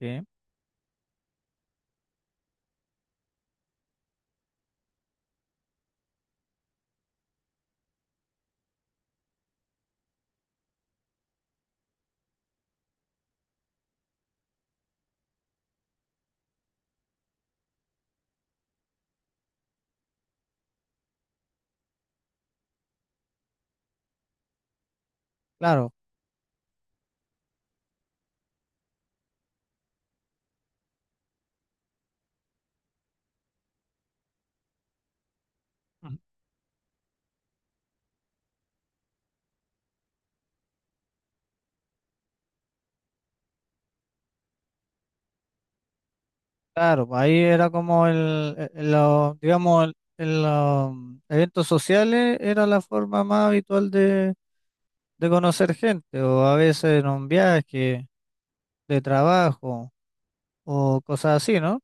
Sí. Claro. Ujú. Claro, pues ahí era como el- los, digamos, el, los eventos sociales era la forma más habitual de conocer gente, o a veces en un viaje de trabajo, o cosas así, ¿no?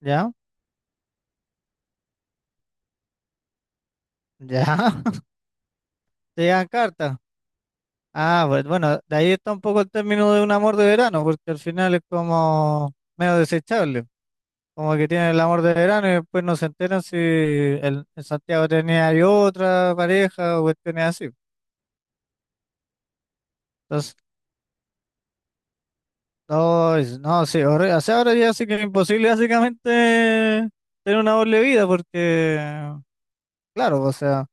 Ya, ya, te llegan cartas. Ah, pues bueno, de ahí está un poco el término de un amor de verano, porque al final es como medio desechable. Como que tienen el amor de verano y después no se enteran si el, en Santiago tenía ahí otra pareja o cuestiones así. Entonces, no, es- no, sí, horri- o sea, ahora ya sí que es imposible básicamente tener una doble vida porque, claro, o sea,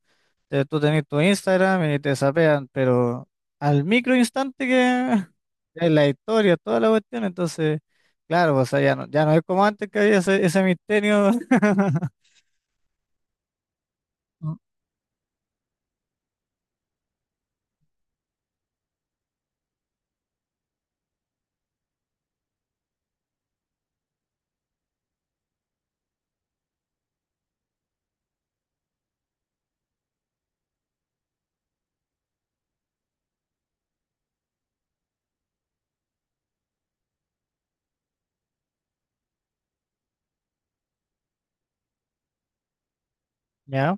tú tenés tu Instagram y te sapean, pero al micro instante que es la historia, toda la cuestión, entonces, claro, o sea, ya no es como antes que había ese, ese misterio. Mm. ¿Ya?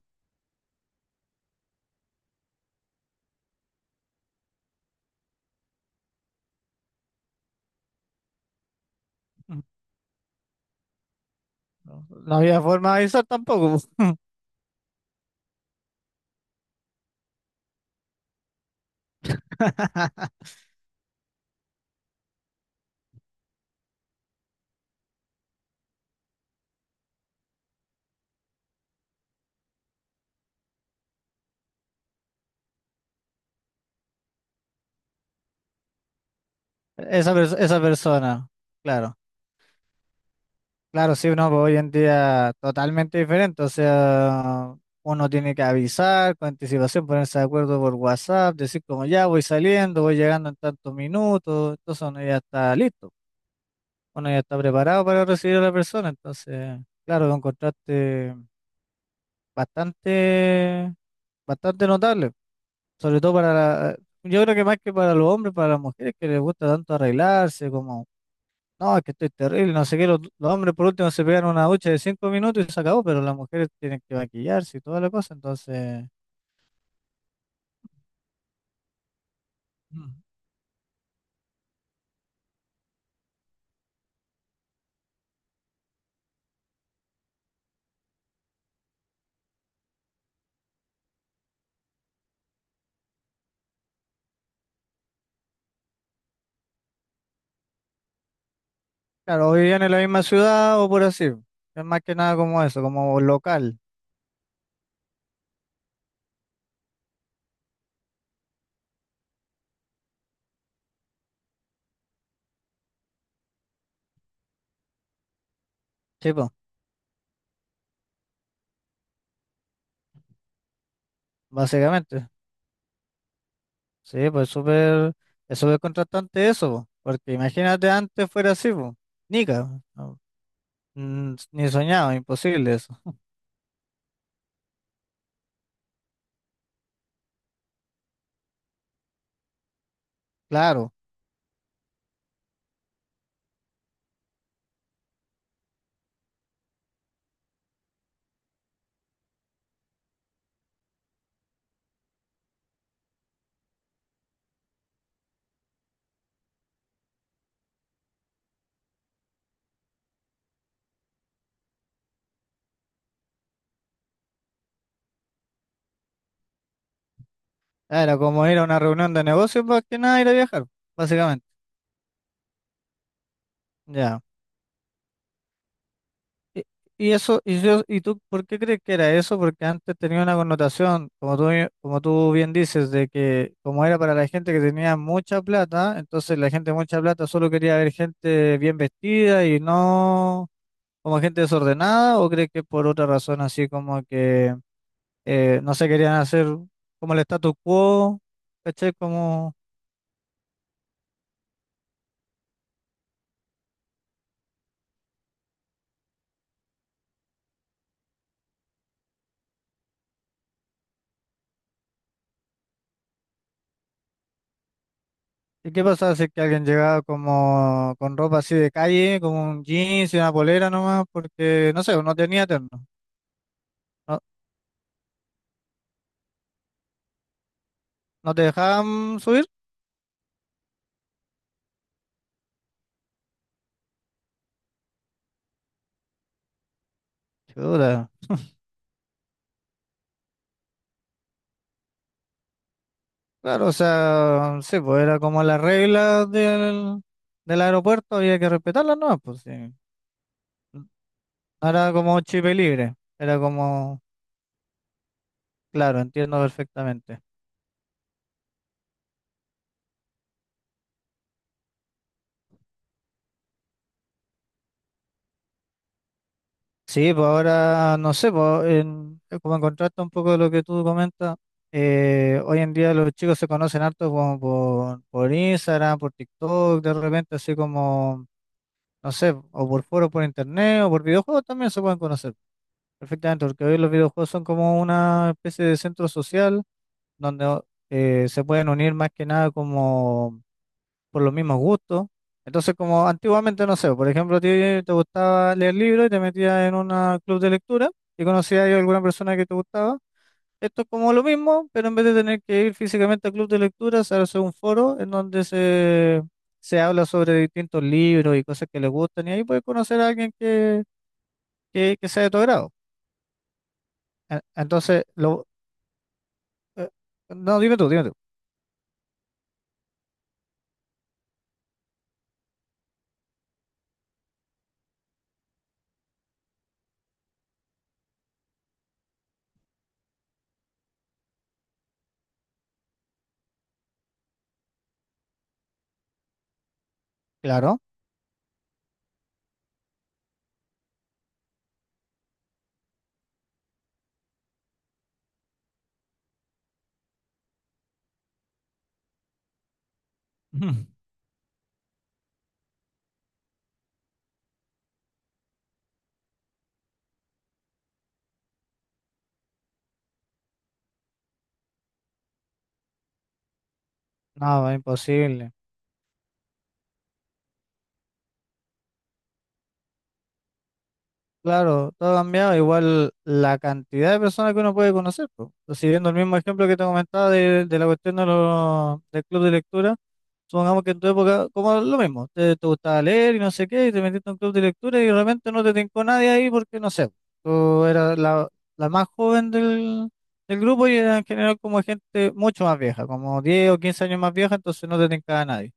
No, no había forma de avisar tampoco. Esa persona, claro. Claro, sí, uno hoy en día totalmente diferente. O sea, uno tiene que avisar con anticipación, ponerse de acuerdo por WhatsApp, decir como ya voy saliendo, voy llegando en tantos minutos. Entonces uno ya está listo, uno ya está preparado para recibir a la persona. Entonces, claro, lo encontraste bastante, bastante notable. Sobre todo para la- Yo creo que más que para los hombres, para las mujeres que les gusta tanto arreglarse, como, no, es que estoy terrible, no sé qué, los hombres por último se pegan una ducha de 5 minutos y se acabó, pero las mujeres tienen que maquillarse y toda la cosa, entonces, mm, claro, o vivían en la misma ciudad o por así, es más que nada como eso, como local. Sí, po, básicamente, sí, pues súper, es súper contrastante eso, po, porque imagínate antes fuera así, pues, nica, no, mm, ni soñado, imposible eso, claro. Ah, era como ir a una reunión de negocios más que nada ir a viajar, básicamente. Ya. Y, y eso, y yo, ¿y tú por qué crees que era eso? Porque antes tenía una connotación, como tú bien dices, de que como era para la gente que tenía mucha plata, entonces la gente de mucha plata solo quería ver gente bien vestida y no como gente desordenada, ¿o crees que por otra razón así como que no se querían hacer como el status quo? ¿Cachai? Como ¿Y qué pasaba si es que alguien llegaba como con ropa así de calle, como un jeans y una polera nomás? Porque, no sé, no tenía terno. ¿No, no te dejaban subir? Chuta. Claro, o sea, sí, pues era como las reglas del aeropuerto, había que respetarlas nomás, pues sí. No era como chip libre, era como, claro, entiendo perfectamente. Sí, pues ahora no sé, pues como en contraste un poco de lo que tú comentas, hoy en día los chicos se conocen harto como por Instagram, por TikTok, de repente así como, no sé, o por foros por internet o por videojuegos también se pueden conocer perfectamente, porque hoy los videojuegos son como una especie de centro social donde se pueden unir más que nada por los mismos gustos. Entonces, como antiguamente, no sé, por ejemplo, a ti te gustaba leer libros y te metías en un club de lectura y conocías a alguna persona que te gustaba. Esto es como lo mismo, pero en vez de tener que ir físicamente al club de lectura, se hace un foro en donde se habla sobre distintos libros y cosas que les gustan y ahí puedes conocer a alguien que sea de tu agrado. E- Entonces, lo, eh, no, dime tú, dime tú. Claro. Ujú. No, es imposible. Claro, todo ha cambiado. Igual la cantidad de personas que uno puede conocer, po, pues. Siguiendo el mismo ejemplo que te comentaba de la cuestión de del club de lectura, supongamos que en tu época, como lo mismo, te gustaba leer y no sé qué, y te metiste en un club de lectura y de repente no te tincó nadie ahí porque no sé, tú eras la más joven del grupo y era en general como gente mucho más vieja, como 10 o 15 años más vieja, entonces no te tincaba nadie.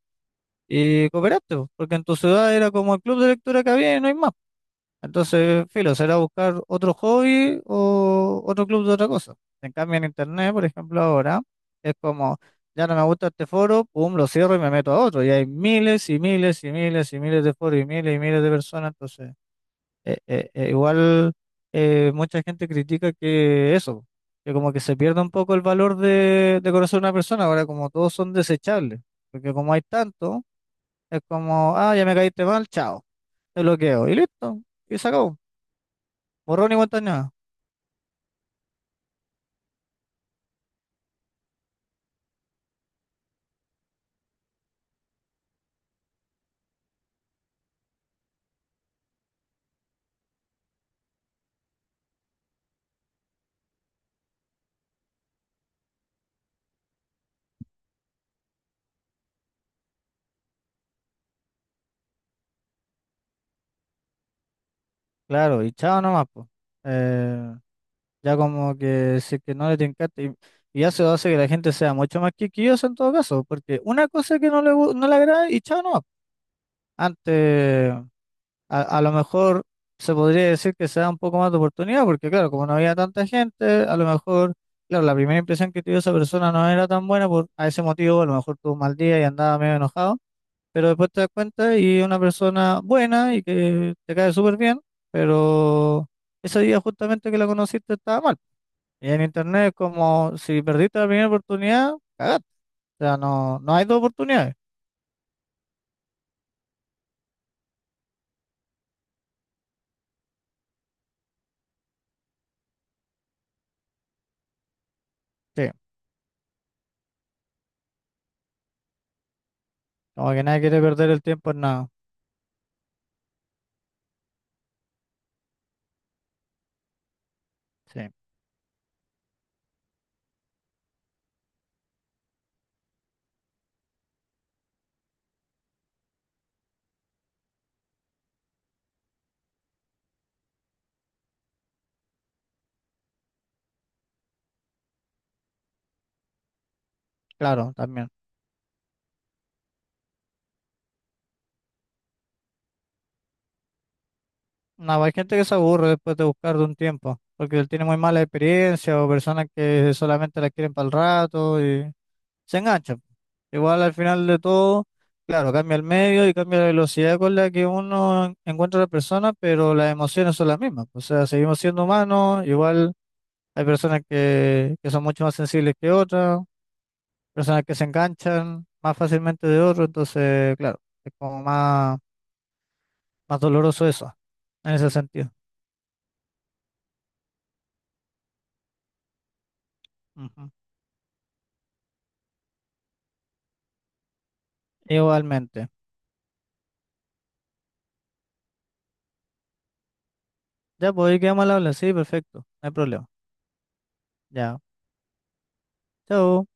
Y cooperaste, pues, porque en tu ciudad era como el club de lectura que había y no hay más. Entonces, filo, será buscar otro hobby o otro club de otra cosa. En cambio, en internet, por ejemplo, ahora es como, ya no me gusta este foro, pum, lo cierro y me meto a otro. Y hay miles y miles y miles y miles de foros y miles de personas. Entonces, igual mucha gente critica que eso, que como que se pierde un poco el valor de conocer a una persona. Ahora, como todos son desechables, porque como hay tanto, es como, ah, ya me caíste mal, chao, te bloqueo y listo, y se acabó. Borrón y cuenta nueva, claro, y chao nomás, pues. Eh, ya como que si es que no le tincaste, y eso hace que la gente sea mucho más quisquillosa en todo caso, porque una cosa que no le agrada y chao nomás. Antes, a lo mejor se podría decir que se da un poco más de oportunidad, porque claro, como no había tanta gente, a lo mejor, claro, la primera impresión que tuvo esa persona no era tan buena por a ese motivo, a lo mejor tuvo un mal día y andaba medio enojado, pero después te das cuenta y es una persona buena y que te cae súper bien, pero ese día justamente que la conociste estaba mal. Y en internet es como si perdiste la primera oportunidad, cagaste. O sea, no, no hay 2 oportunidades. Sí, como que nadie quiere perder el tiempo en nada. Sí, claro, también. No, hay gente que se aburre después de buscar de un tiempo, porque él tiene muy mala experiencia o personas que solamente la quieren para el rato y... se engancha. Igual al final de todo, claro, cambia el medio y cambia la velocidad con la que uno encuentra a la persona, pero las emociones son las mismas. O sea, seguimos siendo humanos, igual hay personas que son mucho más sensibles que otras, personas que se enganchan más fácilmente de otros, entonces, claro, es como más, más doloroso eso, en ese sentido. Ujú. Igualmente. Ya, pues ahí quedamos al habla, sí, perfecto, no hay problema. Ya, chao.